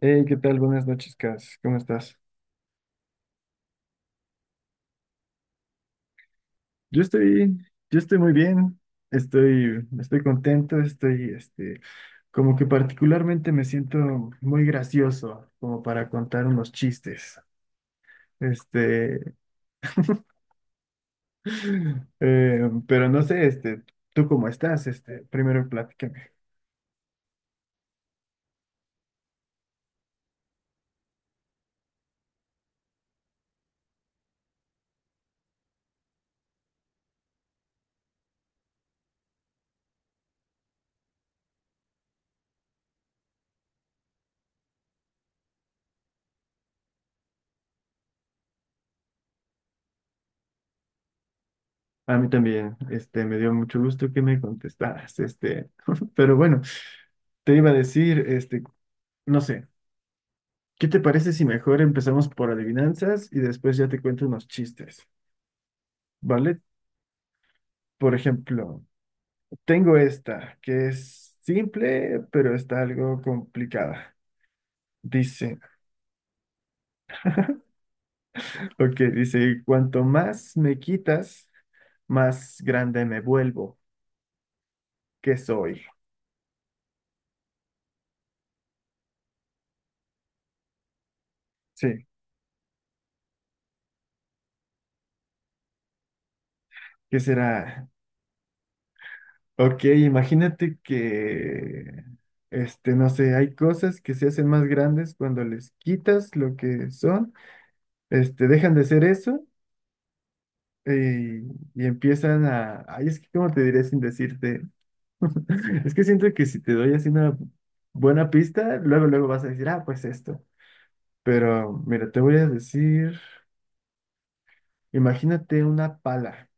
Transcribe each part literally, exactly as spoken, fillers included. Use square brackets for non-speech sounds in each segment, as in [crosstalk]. Hey, ¿qué tal? Buenas noches, Cas. ¿Cómo estás? Yo estoy, yo estoy muy bien. Estoy, estoy contento. Estoy, este, como que particularmente me siento muy gracioso, como para contar unos chistes. Este, [laughs] eh, pero no sé, este, ¿tú cómo estás? Este, primero platícame. A mí también, este, me dio mucho gusto que me contestaras, este, [laughs] pero bueno, te iba a decir, este, no sé. ¿Qué te parece si mejor empezamos por adivinanzas y después ya te cuento unos chistes? ¿Vale? Por ejemplo, tengo esta, que es simple, pero está algo complicada. Dice, ok, dice, cuanto más me quitas, más grande me vuelvo. ¿Qué soy? Sí, ¿qué será? Ok, imagínate que, este, no sé, hay cosas que se hacen más grandes cuando les quitas lo que son, este, dejan de ser eso. Y, y empiezan a, ay, es que cómo te diré sin decirte, [laughs] es que siento que si te doy así una buena pista, luego, luego vas a decir, ah, pues esto, pero mira, te voy a decir, imagínate una pala,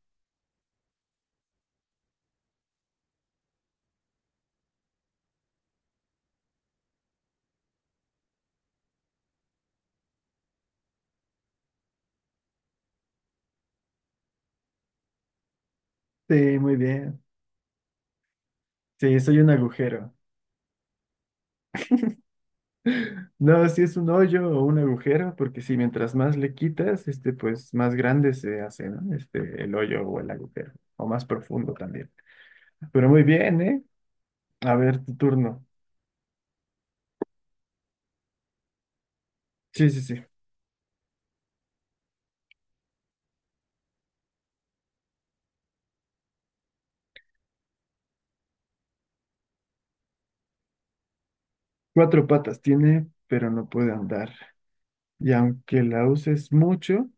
sí, muy bien, sí, soy un agujero, [laughs] no, si es un hoyo o un agujero, porque si mientras más le quitas, este, pues más grande se hace, ¿no? Este, el hoyo o el agujero, o más profundo también, pero muy bien, ¿eh? A ver, tu turno, sí, sí, sí. Cuatro patas tiene, pero no puede andar. Y aunque la uses mucho,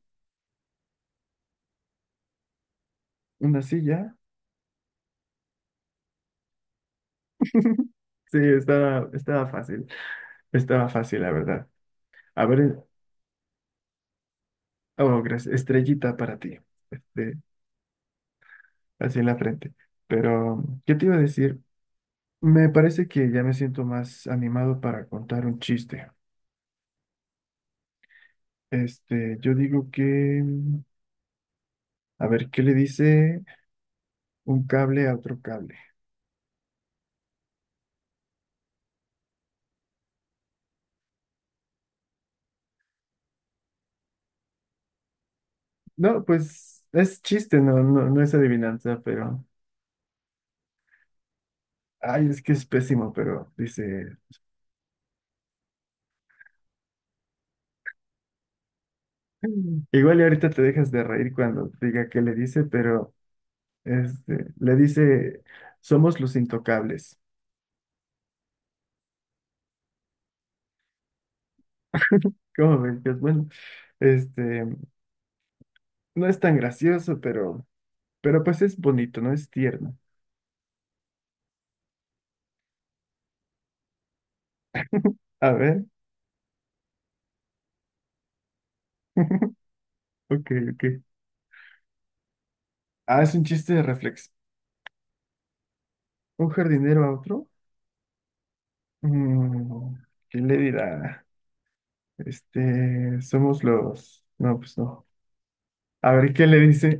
una silla, sí, estaba, estaba fácil. Estaba fácil, la verdad. A ver, oh, gracias. Estrellita para ti. Este, así en la frente. Pero, ¿qué te iba a decir? Me parece que ya me siento más animado para contar un chiste. Este, yo digo que, mm, a ver, ¿qué le dice un cable a otro cable? No, pues es chiste, no, no, no es adivinanza, pero. Ay, es que es pésimo, pero dice, igual y ahorita te dejas de reír cuando diga qué le dice, pero este, le dice, somos los intocables. ¿Cómo ven? Pues bueno, este, no es tan gracioso, pero, pero pues es bonito, ¿no? Es tierno. A ver, [laughs] ok, ok. Ah, es un chiste de reflex. ¿Un jardinero a otro? Mm, ¿qué le dirá? Este, somos los... No, pues no. A ver, ¿qué le dice?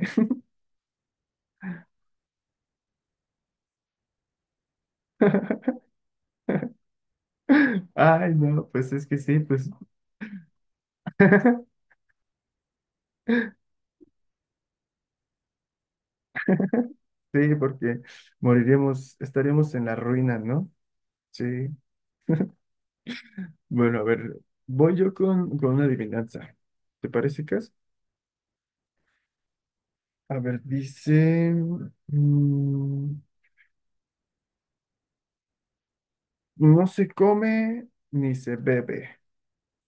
[laughs] Ay, no, pues es que sí, pues [laughs] sí, porque moriríamos, estaríamos en la ruina, ¿no? Sí. Bueno, a ver, voy yo con, con una adivinanza. ¿Te parece, Cas? A ver, dice, mm, no se come ni se bebe,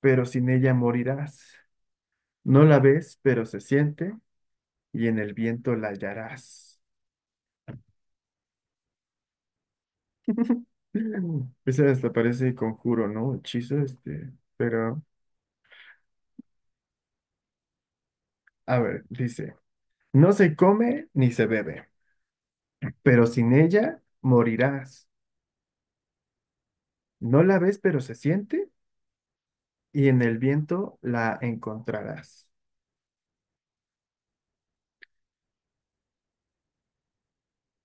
pero sin ella morirás. No la ves, pero se siente y en el viento la hallarás. [laughs] Esa hasta parece conjuro, ¿no? Hechizo, este, pero, a ver, dice. No se come ni se bebe, pero sin ella morirás. No la ves, pero se siente, y en el viento la encontrarás.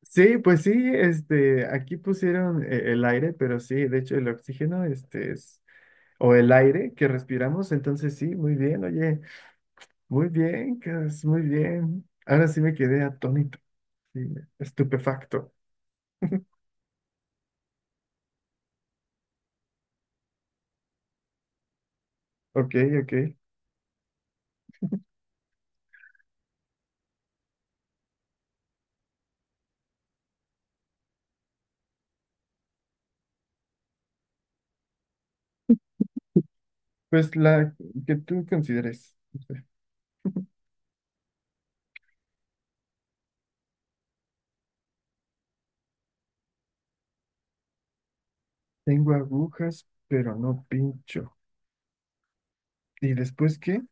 Sí, pues sí, este, aquí pusieron eh, el aire, pero sí, de hecho el oxígeno, este es, o el aire que respiramos, entonces sí, muy bien, oye, muy bien, Cas, muy bien. Ahora sí me quedé atónito, sí, estupefacto. Ok, ok. Pues la que tú consideres. Tengo agujas, pero no pincho. ¿Y después qué?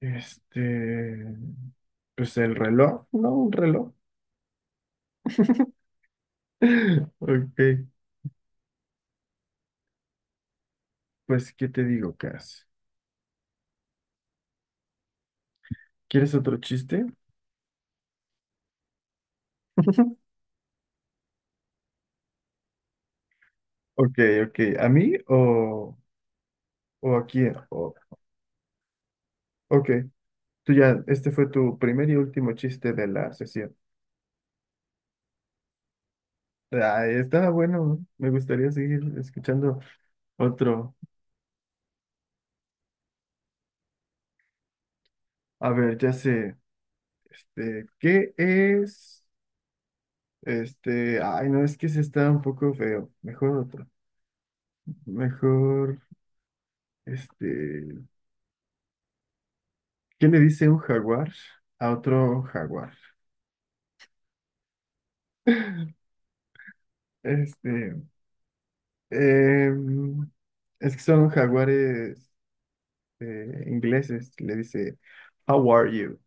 Este, pues el reloj, ¿no? Un reloj. [laughs] Ok, pues ¿qué te digo, Cas? ¿Quieres otro chiste? [laughs] Ok, ok, ¿a mí o, o a quién? O- ok, tú ya, este fue tu primer y último chiste de la sesión. Ah, estaba bueno, me gustaría seguir escuchando otro. A ver, ya sé, este, ¿qué es? Este, ay, no, es que se está un poco feo. Mejor otro. Mejor. Este, ¿qué le dice un jaguar a otro jaguar? [laughs] Este, em, es que son jaguares eh, ingleses. Le dice, How are you?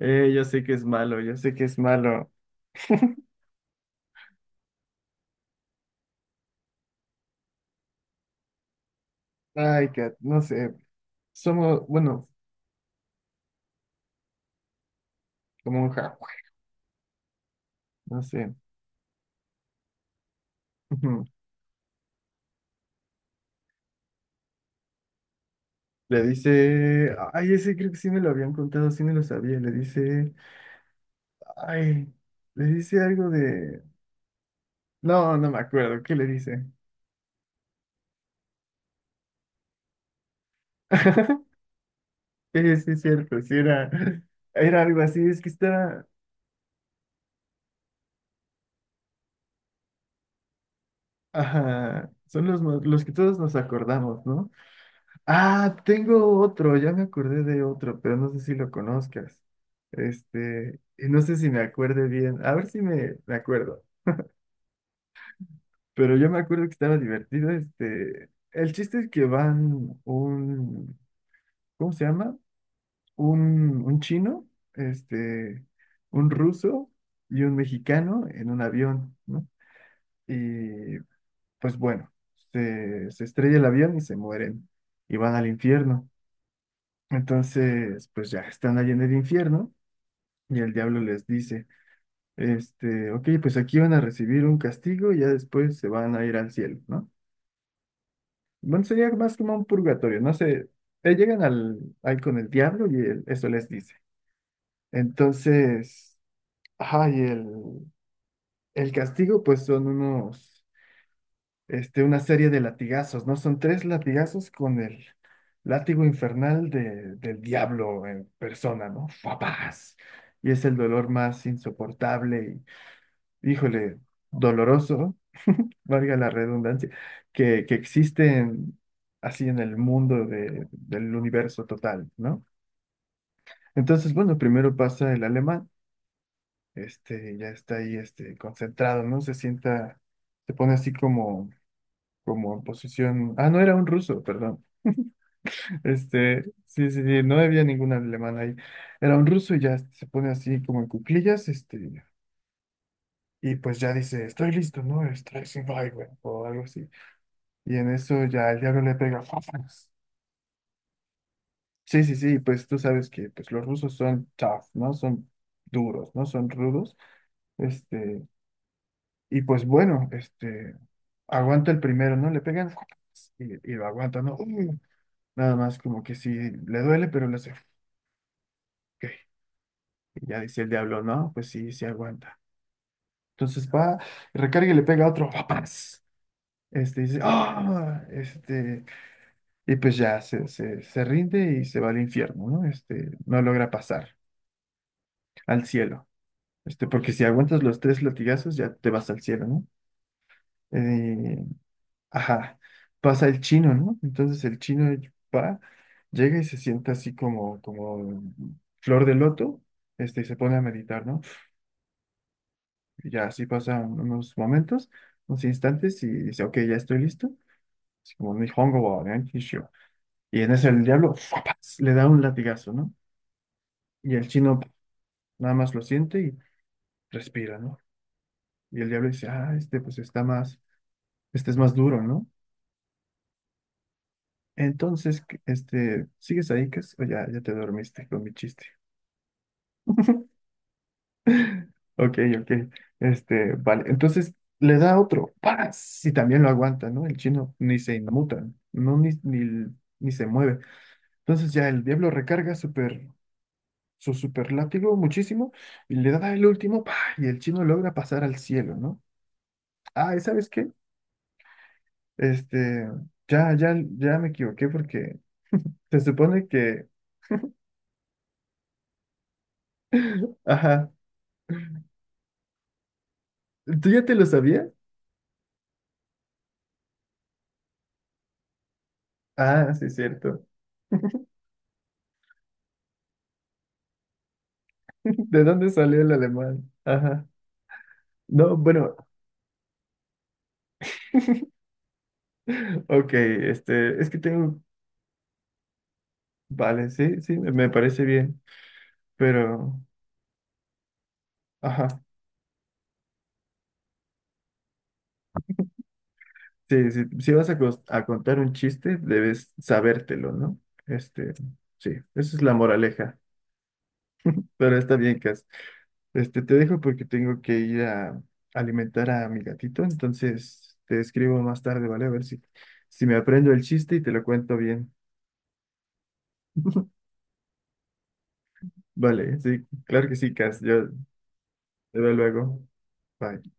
Eh, yo sé que es malo, yo sé que es malo. Ay, Kat, no sé. Somos, bueno, como un jaguar, no sé. Ujú. Le dice, ay, ese creo que sí me lo habían contado, sí me lo sabía. Le dice, ay, le dice algo de, no, no me acuerdo, ¿qué le dice? [laughs] Sí, sí, es cierto, sí era, era algo así, es que está, ajá, son los, mo- los que todos nos acordamos, ¿no? Ah, tengo otro, ya me acordé de otro, pero no sé si lo conozcas, este, y no sé si me acuerde bien, a ver si me, me acuerdo, pero yo me acuerdo que estaba divertido, este, el chiste es que van un, ¿cómo se llama? Un, un chino, este, un ruso y un mexicano en un avión, ¿no? Y pues bueno, se, se estrella el avión y se mueren y van al infierno. Entonces, pues ya están allí en el infierno y el diablo les dice, este, ok, pues aquí van a recibir un castigo y ya después se van a ir al cielo, ¿no? Bueno, sería más como un purgatorio, no sé, eh, llegan al, ahí con el diablo y él- eso les dice. Entonces, ay, el, el castigo pues son unos... este, una serie de latigazos, ¿no? Son tres latigazos con el látigo infernal de- del diablo en persona, ¿no? ¡Fapaz! Y es el dolor más insoportable y, híjole, doloroso, valga la redundancia, que, que existe en- así en el mundo de- del universo total, ¿no? Entonces, bueno, primero pasa el alemán, este, ya está ahí, este, concentrado, ¿no? Se sienta, se pone así como, como en posición, ah, no, era un ruso, perdón. Este, sí, sí, sí, no había ningún alemán ahí. Era un ruso y ya se pone así como en cuclillas, este, y pues ya dice, estoy listo, ¿no? Estoy sin güey, o algo así. Y en eso ya el diablo le pega. ¡Fafas! Sí, sí, sí, pues tú sabes que pues, los rusos son tough, ¿no? Son duros, ¿no? Son rudos. Este, y pues bueno, este, aguanta el primero, ¿no? Le pegan ¡fafas! Y, y lo aguanta, ¿no? ¡Uh! Nada más como que sí, le duele, pero le hace, "Ok". Y ya dice el diablo, no, pues sí, sí aguanta. Entonces va, recarga y le pega a otro, ¡papas! Este dice, ¡ah! Este, y pues ya se, se, se rinde y se va al infierno, ¿no? Este, no logra pasar al cielo. Este, porque si aguantas los tres latigazos, ya te vas al cielo, ¿no? Eh, ajá, pasa el chino, ¿no? Entonces el chino va, llega y se sienta así como, como flor de loto, este, y se pone a meditar, ¿no? Y ya así pasan unos momentos, unos instantes, y dice, ok, ya estoy listo así como un Nihongo wa Gankisho. Y en ese el diablo ¡fuapas! Le da un latigazo, ¿no? Y el chino nada más lo siente y respira, ¿no? Y el diablo dice, ah, este pues está más, este es más duro, ¿no? Entonces, ¿qué- este, ¿sigues ahí, Cas? O ya, ya te dormiste con mi chiste. [laughs] Ok, ok. Este, vale. Entonces le da otro. ¡Paz! Y también lo aguanta, ¿no? El chino ni se inmuta, no. No, ni, ni, ni se mueve. Entonces ya el diablo recarga súper su super muchísimo y le da el último, ¡pa! Y el chino logra pasar al cielo, ¿no? Ah, ¿y sabes qué? Este, ya, ya, ya me equivoqué porque se supone que, ajá, ¿tú ya te lo sabías? Ah, sí, cierto. [laughs] ¿De dónde salió el alemán? Ajá. No, bueno, ok, este, es que tengo, vale, sí, sí, me me parece bien, pero, ajá, sí, sí, si vas a, cos- a contar un chiste, debes sabértelo, ¿no? Este, sí, esa es la moraleja. Pero está bien, Cas. Este, te dejo porque tengo que ir a alimentar a mi gatito, entonces te escribo más tarde, ¿vale? A ver si, si me aprendo el chiste y te lo cuento bien. [laughs] Vale, sí, claro que sí, Cas. Yo te veo luego. Bye.